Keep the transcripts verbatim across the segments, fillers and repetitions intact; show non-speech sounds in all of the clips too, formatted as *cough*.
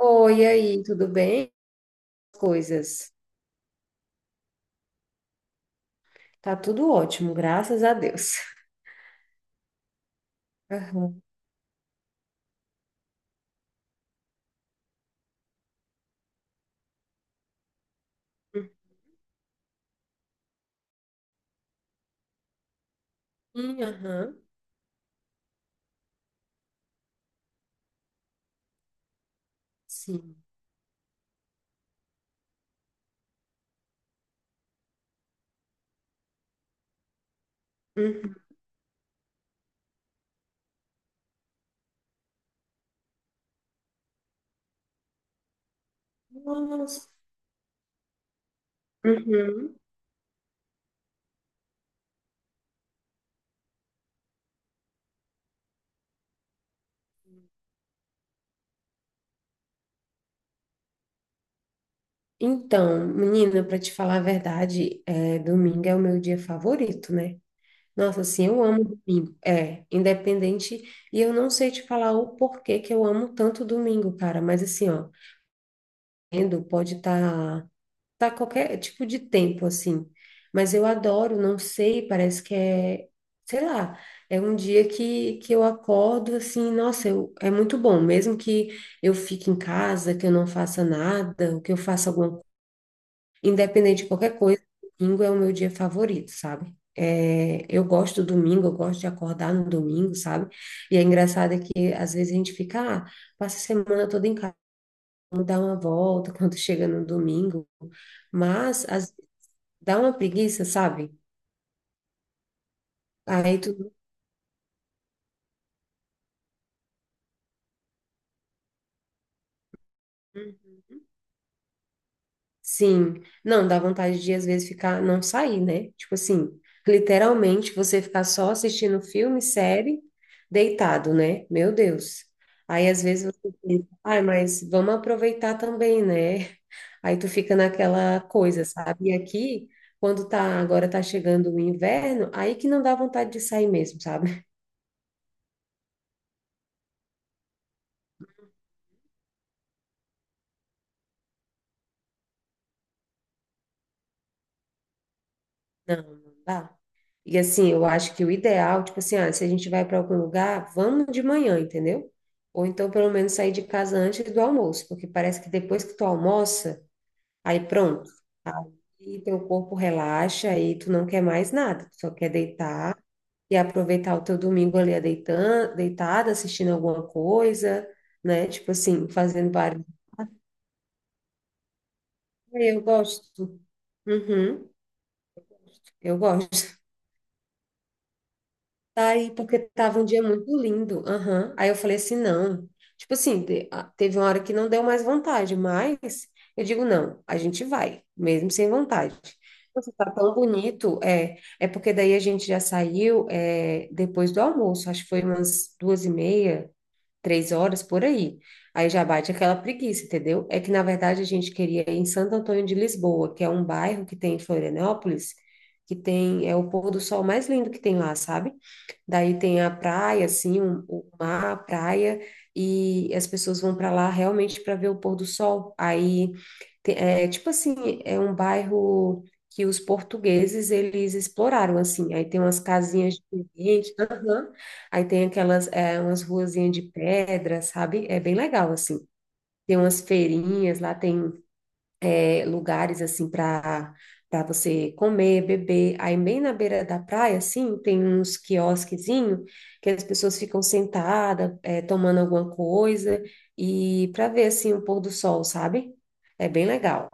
Oi, e aí, tudo bem? Coisas. Tá tudo ótimo, graças a Deus. Aham. Uhum, aham. Sim. Uhum. Nossa. Uhum. Então, menina, para te falar a verdade, é, domingo é o meu dia favorito, né? Nossa, assim, eu amo domingo. É, independente. E eu não sei te falar o porquê que eu amo tanto domingo, cara. Mas assim, ó, tendo, pode estar, tá qualquer tipo de tempo assim. Mas eu adoro, não sei, parece que é, sei lá, é um dia que, que eu acordo assim, nossa, eu, é muito bom, mesmo que eu fique em casa, que eu não faça nada, ou que eu faça alguma coisa, independente de qualquer coisa, domingo é o meu dia favorito, sabe? É, eu gosto do domingo, eu gosto de acordar no domingo, sabe? E é engraçado é que às vezes a gente fica, ah, passa a semana toda em casa, vamos dar uma volta *laughs* quando chega no domingo, mas às dá uma preguiça, sabe? Aí tu. Sim. Não, dá vontade de às vezes ficar, não sair, né? Tipo assim, literalmente você ficar só assistindo filme, série, deitado, né? Meu Deus. Aí às vezes você pensa, ai, mas vamos aproveitar também, né? Aí tu fica naquela coisa, sabe? E aqui, quando tá, agora tá chegando o inverno, aí que não dá vontade de sair mesmo, sabe? Não, não dá. E assim, eu acho que o ideal, tipo assim, ah, se a gente vai para algum lugar, vamos de manhã, entendeu? Ou então pelo menos sair de casa antes do almoço, porque parece que depois que tu almoça, aí pronto. Aí teu corpo relaxa, aí tu não quer mais nada, tu só quer deitar e aproveitar o teu domingo ali deitando, deitada, assistindo alguma coisa, né? Tipo assim, fazendo barulho. Eu gosto. Uhum, eu gosto. Tá. Aí, porque tava um dia muito lindo. Aham. Aí eu falei assim, não. Tipo assim, te- a- teve uma hora que não deu mais vontade, mas eu digo, não, a gente vai, mesmo sem vontade. Nossa, tá tão bonito, é, é porque daí a gente já saiu, é, depois do almoço, acho que foi umas duas e meia, três horas, por aí. Aí já bate aquela preguiça, entendeu? É que, na verdade, a gente queria ir em Santo Antônio de Lisboa, que é um bairro que tem em Florianópolis, que tem, é o pôr do sol mais lindo que tem lá, sabe? Daí tem a praia, assim, um- o mar, a praia, e as pessoas vão para lá realmente para ver o pôr do sol. Aí, te- é tipo assim, é um bairro que os portugueses, eles exploraram, assim. Aí tem umas casinhas diferentes, aham. Aí tem aquelas, é, umas ruazinhas de pedra, sabe? É bem legal, assim. Tem umas feirinhas, lá tem lugares assim para para você comer, beber. Aí bem na beira da praia, assim, tem uns quiosquezinho que as pessoas ficam sentadas, é, tomando alguma coisa e para ver assim o pôr do sol, sabe? É bem legal.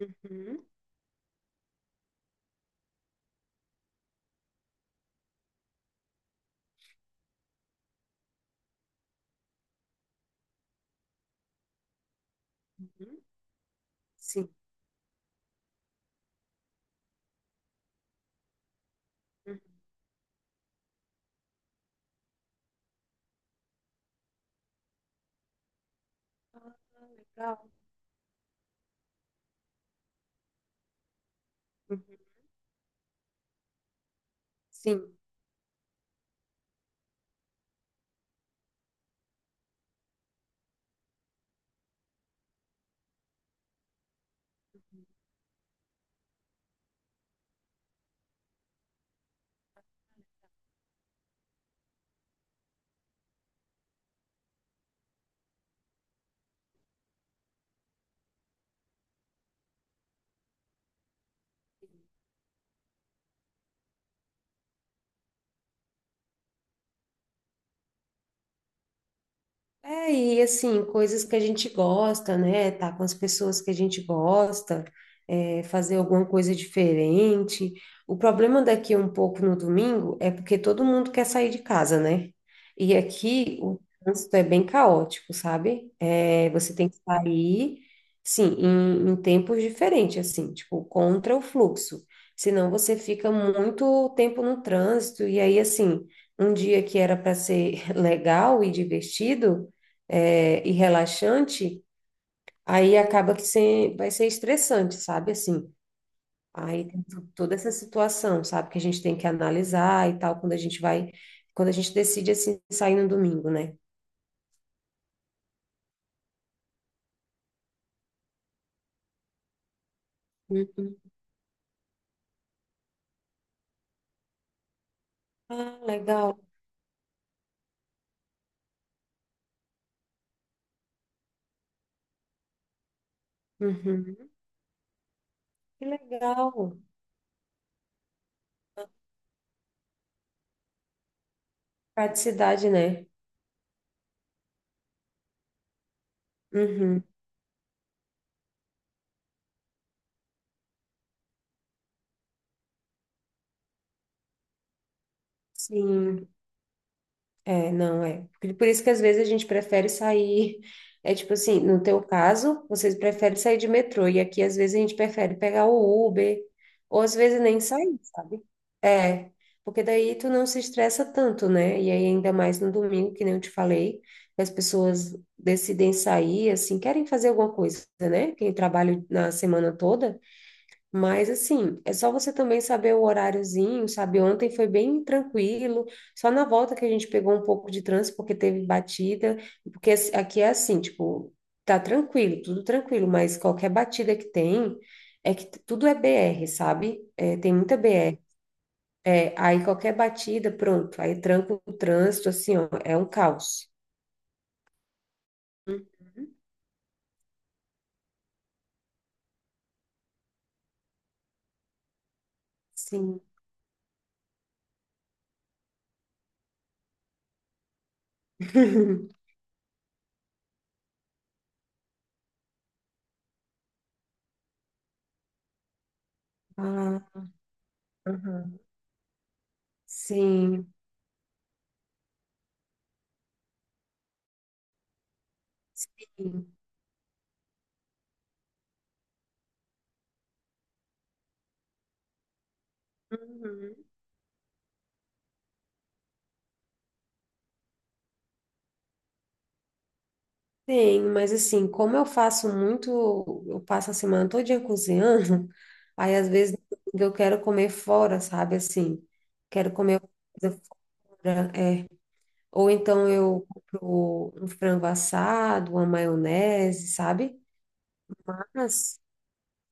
Uhum, uhum. Sim. Uhum. Ah, legal. Uhum. Sim. É, e assim, coisas que a gente gosta, né? Tá com as pessoas que a gente gosta, é, fazer alguma coisa diferente. O problema daqui um pouco no domingo é porque todo mundo quer sair de casa, né? E aqui o trânsito é bem caótico, sabe? É, você tem que sair, sim, em, em tempos diferentes, assim, tipo, contra o fluxo. Senão você fica muito tempo no trânsito, e aí, assim, um dia que era para ser *laughs* legal e divertido é, e relaxante, aí acaba que sem- vai ser estressante, sabe? Assim, aí tem to- toda essa situação, sabe? Que a gente tem que analisar e tal, quando a gente vai, quando a gente decide, assim, sair no domingo, né? Hum. Ah, legal. Uhum. Que legal. Praticidade, né? Uhum. Sim. É, não é. Por por isso que às vezes a gente prefere sair. *laughs* É tipo assim, no teu caso, vocês preferem sair de metrô, e aqui às vezes a gente prefere pegar o Uber, ou às vezes nem sair, sabe? É, porque daí tu não se estressa tanto, né? E aí, ainda mais no domingo, que nem eu te falei, que as pessoas decidem sair, assim, querem fazer alguma coisa, né? Quem trabalha na semana toda. Mas assim, é só você também saber o horáriozinho, sabe? Ontem foi bem tranquilo, só na volta que a gente pegou um pouco de trânsito porque teve batida, porque as- aqui é assim, tipo, tá tranquilo, tudo tranquilo, mas qualquer batida que tem, é que t- tudo é B R, sabe? É, tem muita B R. É, aí qualquer batida, pronto, aí tranca o trânsito, assim, ó, é um caos. Uhum. Sim. *laughs* Ah, aham. Sim. Sim. Uhum. Tem, mas assim, como eu faço muito, eu passo a semana todinha cozinhando, *laughs* aí às vezes eu quero comer fora, sabe? Assim, quero comer coisa fora, é. Ou então eu compro um frango assado, uma maionese, sabe? Mas,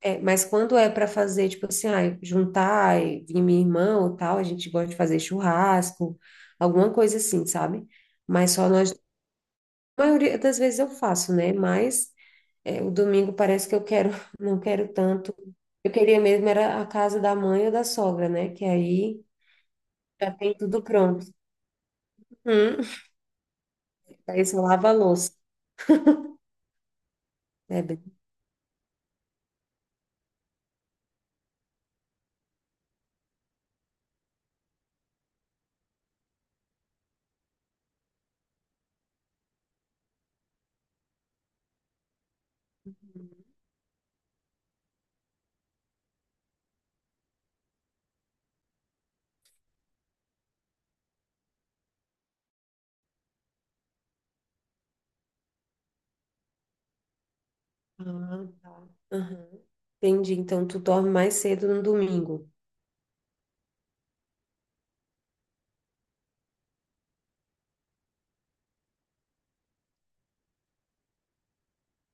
é, mas quando é para fazer, tipo assim, ah, juntar e vir minha irmã ou tal, a gente gosta de fazer churrasco, alguma coisa assim, sabe? Mas só nós, a maioria das vezes eu faço, né? Mas. É, o domingo parece que eu quero, *laughs* não quero tanto. Eu queria mesmo era a casa da mãe ou da sogra, né? Que aí já tem tudo pronto. Hum. *laughs* Aí só lava a louça, né? Bem? Ah, tá. Aham. Entendi. Então tu dorme mais cedo no domingo.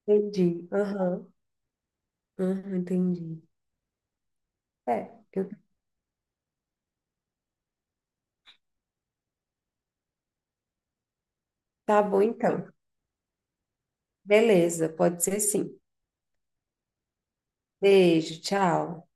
Entendi. Aham. Aham, entendi. É, eu- tá bom então. Beleza, pode ser sim. Beijo, tchau.